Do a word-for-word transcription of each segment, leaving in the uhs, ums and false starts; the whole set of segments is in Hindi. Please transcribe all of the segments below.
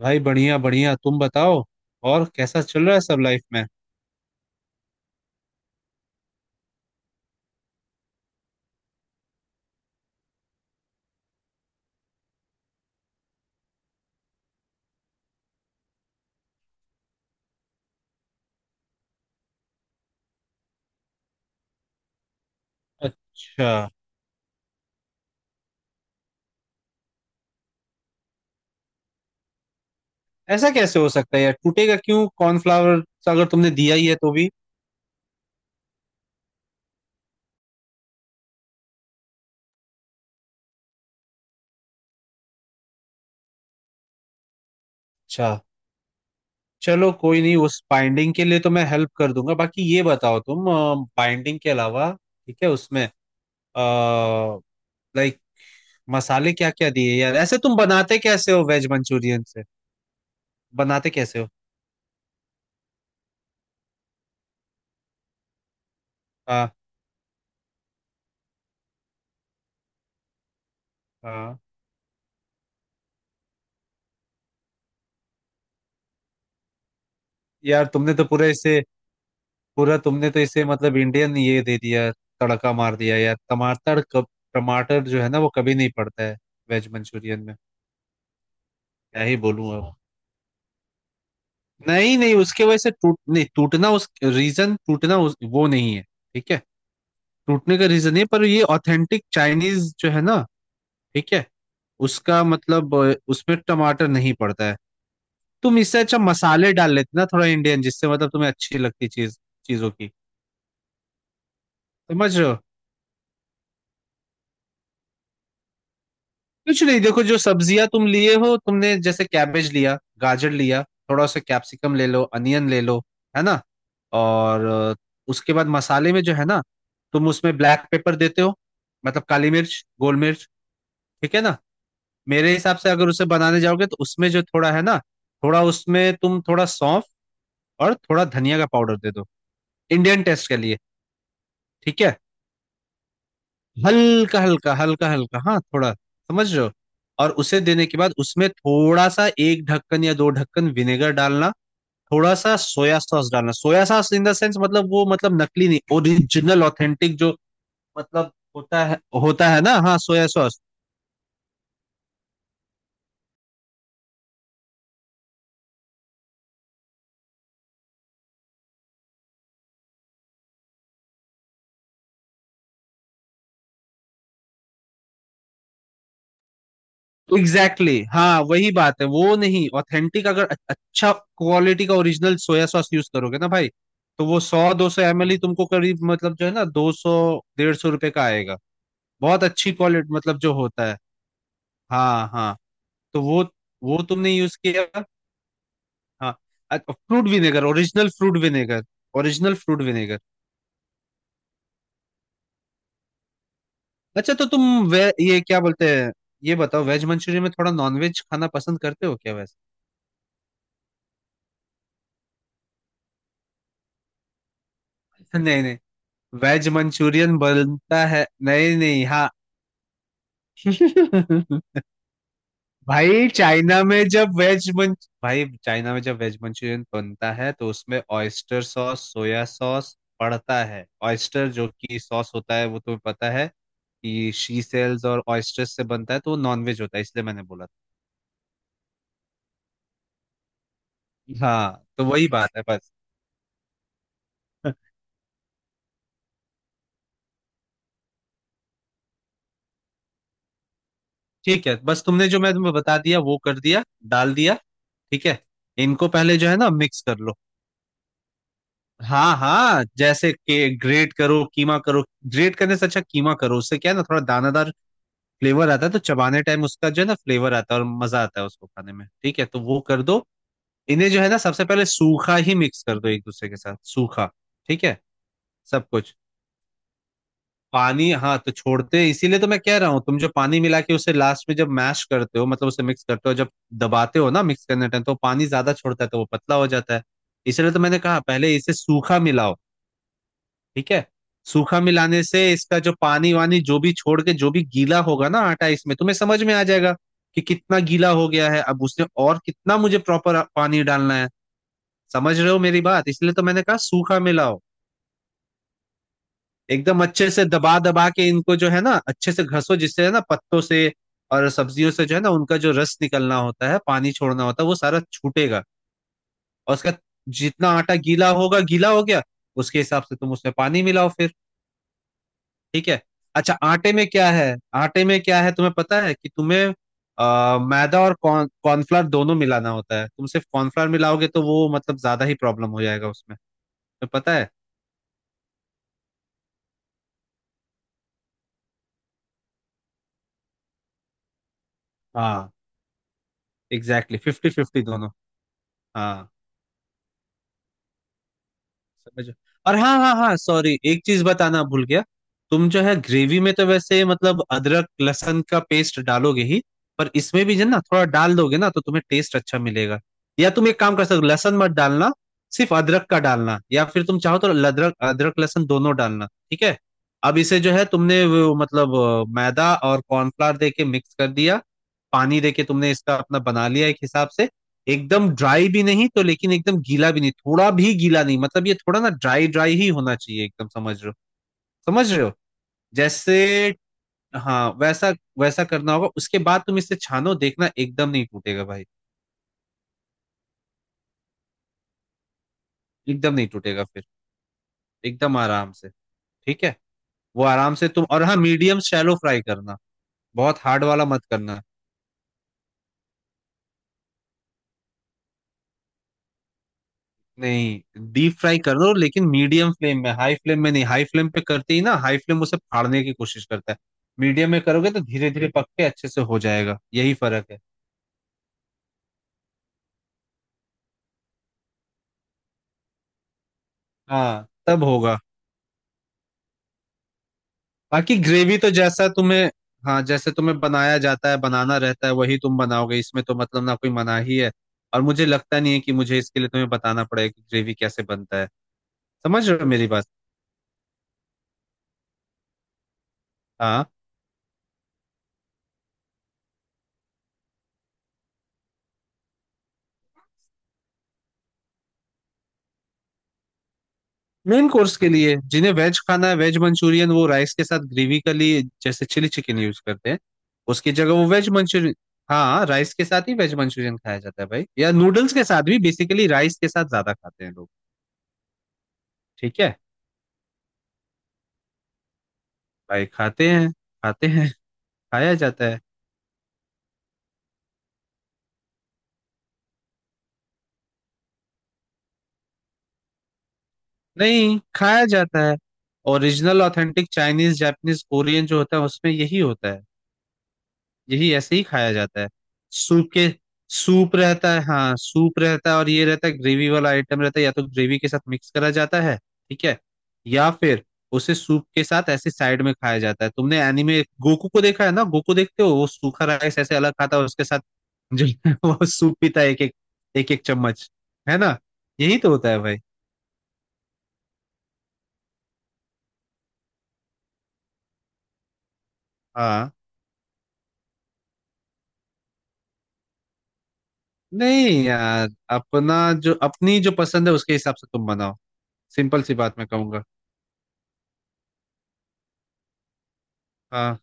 भाई बढ़िया बढ़िया, तुम बताओ। और कैसा चल रहा है सब लाइफ में? अच्छा, ऐसा कैसे हो सकता है यार? टूटेगा क्यों कॉर्नफ्लावर अगर तुमने दिया ही है तो भी? अच्छा, चलो कोई नहीं, उस बाइंडिंग के लिए तो मैं हेल्प कर दूंगा। बाकी ये बताओ तुम, बाइंडिंग के अलावा ठीक है उसमें? लाइक मसाले क्या क्या दिए यार? ऐसे तुम बनाते कैसे हो वेज मंचूरियन से? बनाते कैसे हो? हाँ हाँ। यार तुमने तो पूरे इसे पूरा तुमने तो इसे मतलब इंडियन ये दे दिया। तड़का मार दिया यार। टमाटर कब? टमाटर जो है ना वो कभी नहीं पड़ता है वेज मंचूरियन में। क्या ही बोलूं अब। नहीं नहीं, उसके वजह से टूट नहीं, टूटना उस रीजन, टूटना उस, वो नहीं है। ठीक है, टूटने का रीजन नहीं है, पर ये ऑथेंटिक चाइनीज जो है ना। ठीक है। उसका मतलब अ, उसमें टमाटर नहीं पड़ता है। तुम इससे अच्छा मसाले डाल लेते ना थोड़ा इंडियन, जिससे मतलब तुम्हें अच्छी लगती चीज, चीजों की, समझ रहे हो? कुछ नहीं, देखो, जो सब्जियां तुम लिए हो, तुमने जैसे कैबेज लिया, गाजर लिया, थोड़ा सा कैप्सिकम ले लो, अनियन ले लो, है ना। और अ, उसके बाद मसाले में जो है ना, तुम उसमें ब्लैक पेपर देते हो, मतलब काली मिर्च, गोल मिर्च, ठीक है ना। मेरे हिसाब से अगर उसे बनाने जाओगे तो उसमें जो थोड़ा है ना, थोड़ा उसमें तुम थोड़ा सौंफ और थोड़ा धनिया का पाउडर दे दो, इंडियन टेस्ट के लिए, ठीक है। हल्का हल्का हल्का हल्का, हाँ थोड़ा, समझ रहे हो। और उसे देने के बाद उसमें थोड़ा सा एक ढक्कन या दो ढक्कन विनेगर डालना, थोड़ा सा सोया सॉस डालना। Soya sauce in the sense मतलब वो, मतलब नकली नहीं, ओरिजिनल ऑथेंटिक जो मतलब होता है, होता है ना, हाँ सोया सॉस। एग्जैक्टली exactly, हाँ वही बात है, वो नहीं ऑथेंटिक अगर अ- अच्छा क्वालिटी का ओरिजिनल सोया सॉस यूज करोगे ना भाई, तो वो सौ दो सौ एम एल ही तुमको करीब, मतलब जो है ना, दो सौ डेढ़ सौ रुपए का आएगा। बहुत अच्छी क्वालिटी मतलब जो होता है। हाँ हाँ। तो वो वो तुमने यूज किया। हाँ, fruit vinegar, original fruit vinegar, original fruit vinegar. अच्छा तो तुम, वे ये क्या बोलते हैं, ये बताओ वेज मंचूरियन में थोड़ा नॉन वेज खाना पसंद करते हो क्या वैसे? नहीं नहीं, वेज मंचूरियन बनता है, नहीं नहीं, हाँ। भाई चाइना में जब वेज मंच भाई चाइना में जब वेज मंचूरियन बनता है तो उसमें ऑयस्टर सॉस, सोया सॉस पड़ता है। ऑयस्टर जो कि सॉस होता है, वो तुम्हें पता है कि शी सेल्स और ऑयस्टर्स से बनता है, तो वो नॉनवेज होता है, इसलिए मैंने बोला था। हाँ, तो वही बात है बस। ठीक है, बस तुमने जो, मैं तुम्हें बता दिया वो कर दिया, डाल दिया, ठीक है। इनको पहले जो है ना मिक्स कर लो। हाँ हाँ, जैसे के ग्रेट करो, कीमा करो। ग्रेट करने से अच्छा कीमा करो, उससे क्या है ना, थोड़ा दानादार फ्लेवर आता है, तो चबाने टाइम उसका जो है ना फ्लेवर आता है और मजा आता है उसको खाने में, ठीक है, तो वो कर दो। इन्हें जो है ना सबसे पहले सूखा ही मिक्स कर दो एक दूसरे के साथ, सूखा, ठीक है, सब कुछ। पानी, हाँ तो छोड़ते हैं, इसीलिए तो मैं कह रहा हूँ, तुम जो पानी मिला के उसे लास्ट में जब मैश करते हो, मतलब उसे मिक्स करते हो, जब दबाते हो ना मिक्स करने टाइम, तो पानी ज्यादा छोड़ता है तो वो पतला हो जाता है। इसलिए तो मैंने कहा पहले इसे सूखा मिलाओ, ठीक है। सूखा मिलाने से इसका जो पानी वानी जो भी छोड़ के जो भी गीला होगा ना आटा, इसमें तुम्हें समझ में आ जाएगा कि कितना गीला हो गया है अब उसने, और कितना मुझे प्रॉपर पानी डालना है। समझ रहे हो मेरी बात, इसलिए तो मैंने कहा सूखा मिलाओ। एकदम अच्छे से दबा दबा के इनको जो है ना अच्छे से घसो, जिससे है ना पत्तों से और सब्जियों से जो है ना, उनका जो रस निकलना होता है, पानी छोड़ना होता है, वो सारा छूटेगा। और उसका, जितना आटा गीला होगा, गीला हो गया, उसके हिसाब से तुम उसमें पानी मिलाओ फिर, ठीक है। अच्छा, आटे में क्या है, आटे में क्या है तुम्हें पता है? कि तुम्हें आ, मैदा और कॉर्न कॉर्नफ्लावर दोनों मिलाना होता है। तुम सिर्फ कॉर्नफ्लावर मिलाओगे तो वो मतलब ज्यादा ही प्रॉब्लम हो जाएगा उसमें, तुम्हें पता है। हाँ, एग्जैक्टली फिफ्टी फिफ्टी दोनों। हाँ, समझ। और हाँ हाँ हाँ, सॉरी, एक चीज बताना भूल गया। तुम जो है ग्रेवी में तो वैसे मतलब अदरक लहसुन का पेस्ट डालोगे ही, पर इसमें भी जो है ना थोड़ा डाल दोगे ना, तो तुम्हें टेस्ट अच्छा मिलेगा। या तुम एक काम कर सकते हो, लहसुन मत डालना, सिर्फ अदरक का डालना, या फिर तुम चाहो तो अदरक, अदरक लहसुन दोनों डालना, ठीक है। अब इसे जो है तुमने वो, मतलब अ, मैदा और कॉर्नफ्लावर दे के मिक्स कर दिया, पानी दे के तुमने इसका अपना बना लिया एक हिसाब से। एकदम ड्राई भी नहीं तो, लेकिन एकदम गीला भी नहीं, थोड़ा भी गीला नहीं, मतलब ये थोड़ा ना ड्राई ड्राई ही होना चाहिए एकदम, समझ रहे हो, समझ रहे हो, जैसे, हाँ वैसा, वैसा करना होगा। उसके बाद तुम इसे छानो, देखना एकदम नहीं टूटेगा भाई, एकदम नहीं टूटेगा फिर, एकदम आराम से, ठीक है। वो आराम से तुम, और हाँ, मीडियम शैलो फ्राई करना, बहुत हार्ड वाला मत करना। नहीं, डीप फ्राई कर दो, लेकिन मीडियम फ्लेम में, हाई फ्लेम में नहीं, हाई फ्लेम पे करते ही ना, हाई फ्लेम उसे फाड़ने की कोशिश करता है। मीडियम में करोगे तो धीरे धीरे पक के अच्छे से हो जाएगा, यही फर्क है। हाँ, तब होगा। बाकी ग्रेवी तो जैसा तुम्हें, हाँ जैसे तुम्हें बनाया जाता है, बनाना रहता है, वही तुम बनाओगे, इसमें तो मतलब ना कोई मनाही है। और मुझे लगता नहीं है कि मुझे इसके लिए तुम्हें बताना पड़ेगा कि ग्रेवी कैसे बनता है। समझ रहे हो मेरी बात। हाँ। मेन कोर्स के लिए, जिन्हें वेज खाना है, वेज मंचूरियन वो राइस के साथ ग्रेवी के लिए, जैसे चिली चिकन यूज करते हैं उसकी जगह वो वेज मंचूरियन। हाँ राइस के साथ ही वेज मंचूरियन खाया जाता है भाई, या नूडल्स के साथ भी, बेसिकली राइस के साथ ज्यादा खाते हैं लोग। ठीक है, भाई खाते हैं खाते हैं, खाया जाता है, नहीं खाया जाता है। Original authentic Chinese Japanese Korean जो होता है उसमें यही होता है, यही ऐसे ही खाया जाता है। सूप के, सूप रहता है, हाँ सूप रहता है, और ये रहता है ग्रेवी वाला आइटम रहता है, या तो ग्रेवी के साथ मिक्स करा जाता है, ठीक है, या फिर उसे सूप के साथ ऐसे साइड में खाया जाता है। तुमने एनीमे गोकू को देखा है ना, गोकू देखते हो, वो सूखा राइस ऐसे अलग खाता है, उसके साथ जो है वो सूप पीता है, एक एक, एक एक चम्मच, है ना। यही तो होता है भाई। हाँ। नहीं यार, अपना, जो अपनी जो पसंद है उसके हिसाब से तुम बनाओ, सिंपल सी बात मैं कहूंगा। हाँ,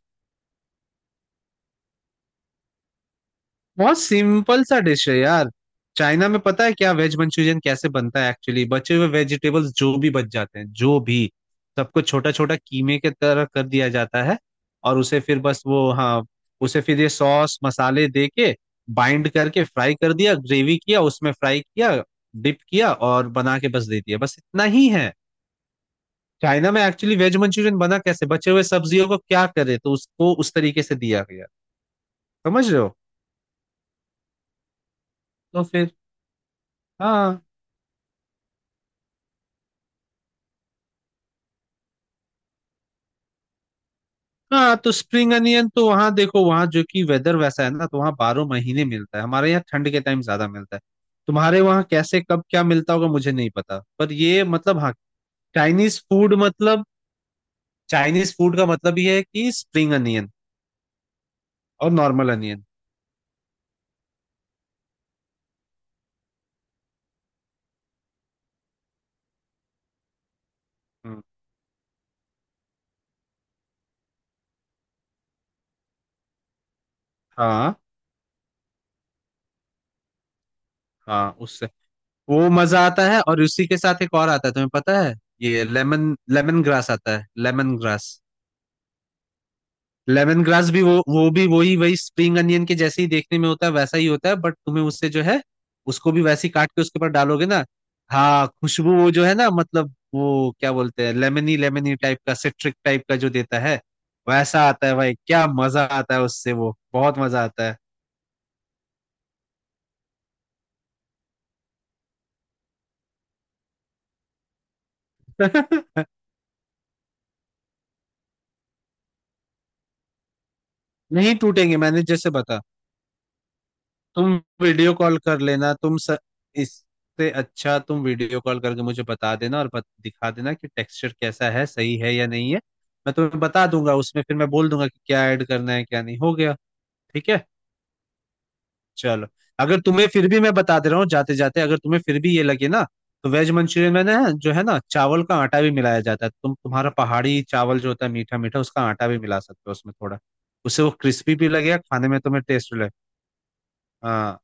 बहुत सिंपल सा डिश है यार। चाइना में पता है क्या वेज मंचूरियन कैसे बनता है एक्चुअली, बचे हुए वेजिटेबल्स जो भी बच जाते हैं, जो भी, सबको छोटा छोटा कीमे के तरह कर दिया जाता है। और उसे फिर बस वो, हाँ उसे फिर ये सॉस मसाले दे के बाइंड करके फ्राई कर दिया, ग्रेवी किया, उसमें फ्राई किया, डिप किया, और बना के बस दे दिया, बस इतना ही है। चाइना में एक्चुअली वेज मंचूरियन बना कैसे, बचे हुए सब्जियों को क्या करे, तो उसको उस तरीके से दिया गया। समझ रहे हो, तो फिर। हाँ। हाँ तो स्प्रिंग अनियन तो वहाँ देखो, वहाँ जो कि वेदर वैसा है ना, तो वहाँ बारह महीने मिलता है, हमारे यहाँ ठंड के टाइम ज्यादा मिलता है। तुम्हारे वहाँ कैसे कब क्या मिलता होगा मुझे नहीं पता, पर ये मतलब, हाँ। चाइनीज फूड मतलब, चाइनीज फूड का मतलब ये है कि स्प्रिंग अनियन और नॉर्मल अनियन। हम्म, हाँ हाँ, उससे वो मजा आता है, और उसी के साथ एक और आता है तुम्हें पता है, ये लेमन लेमन ग्रास आता है, लेमन ग्रास, लेमन ग्रास भी, वो वो भी वही, वही स्प्रिंग अनियन के जैसे ही देखने में होता है, वैसा ही होता है, बट तुम्हें उससे जो है, उसको भी वैसे ही काट के उसके ऊपर डालोगे ना। हाँ खुशबू, वो जो है ना मतलब वो क्या बोलते हैं, लेमनी लेमनी टाइप का, सिट्रिक टाइप का जो देता है, वैसा आता है भाई, क्या मजा आता है उससे, वो बहुत मजा आता है। नहीं टूटेंगे, मैंने जैसे बता, तुम, वीडियो कॉल कर लेना तुम स... इससे अच्छा तुम वीडियो कॉल करके मुझे बता देना, और बत, दिखा देना कि टेक्सचर कैसा है, सही है या नहीं है। मैं तुम्हें बता दूंगा उसमें, फिर मैं बोल दूंगा कि क्या ऐड करना है क्या नहीं, हो गया, ठीक है। चलो। अगर तुम्हें फिर भी, मैं बता दे रहा हूँ जाते जाते, अगर तुम्हें फिर भी ये लगे ना, तो वेज मंचूरियन में ना जो है ना, चावल का आटा भी मिलाया जाता है। तुम तुम्हारा पहाड़ी चावल जो होता है मीठा मीठा, उसका आटा भी मिला सकते हो उसमें थोड़ा, उससे वो क्रिस्पी भी लगेगा खाने में, तुम्हें टेस्ट लगे। हाँ,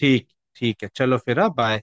ठीक, ठीक है। चलो फिर, हाँ बाय।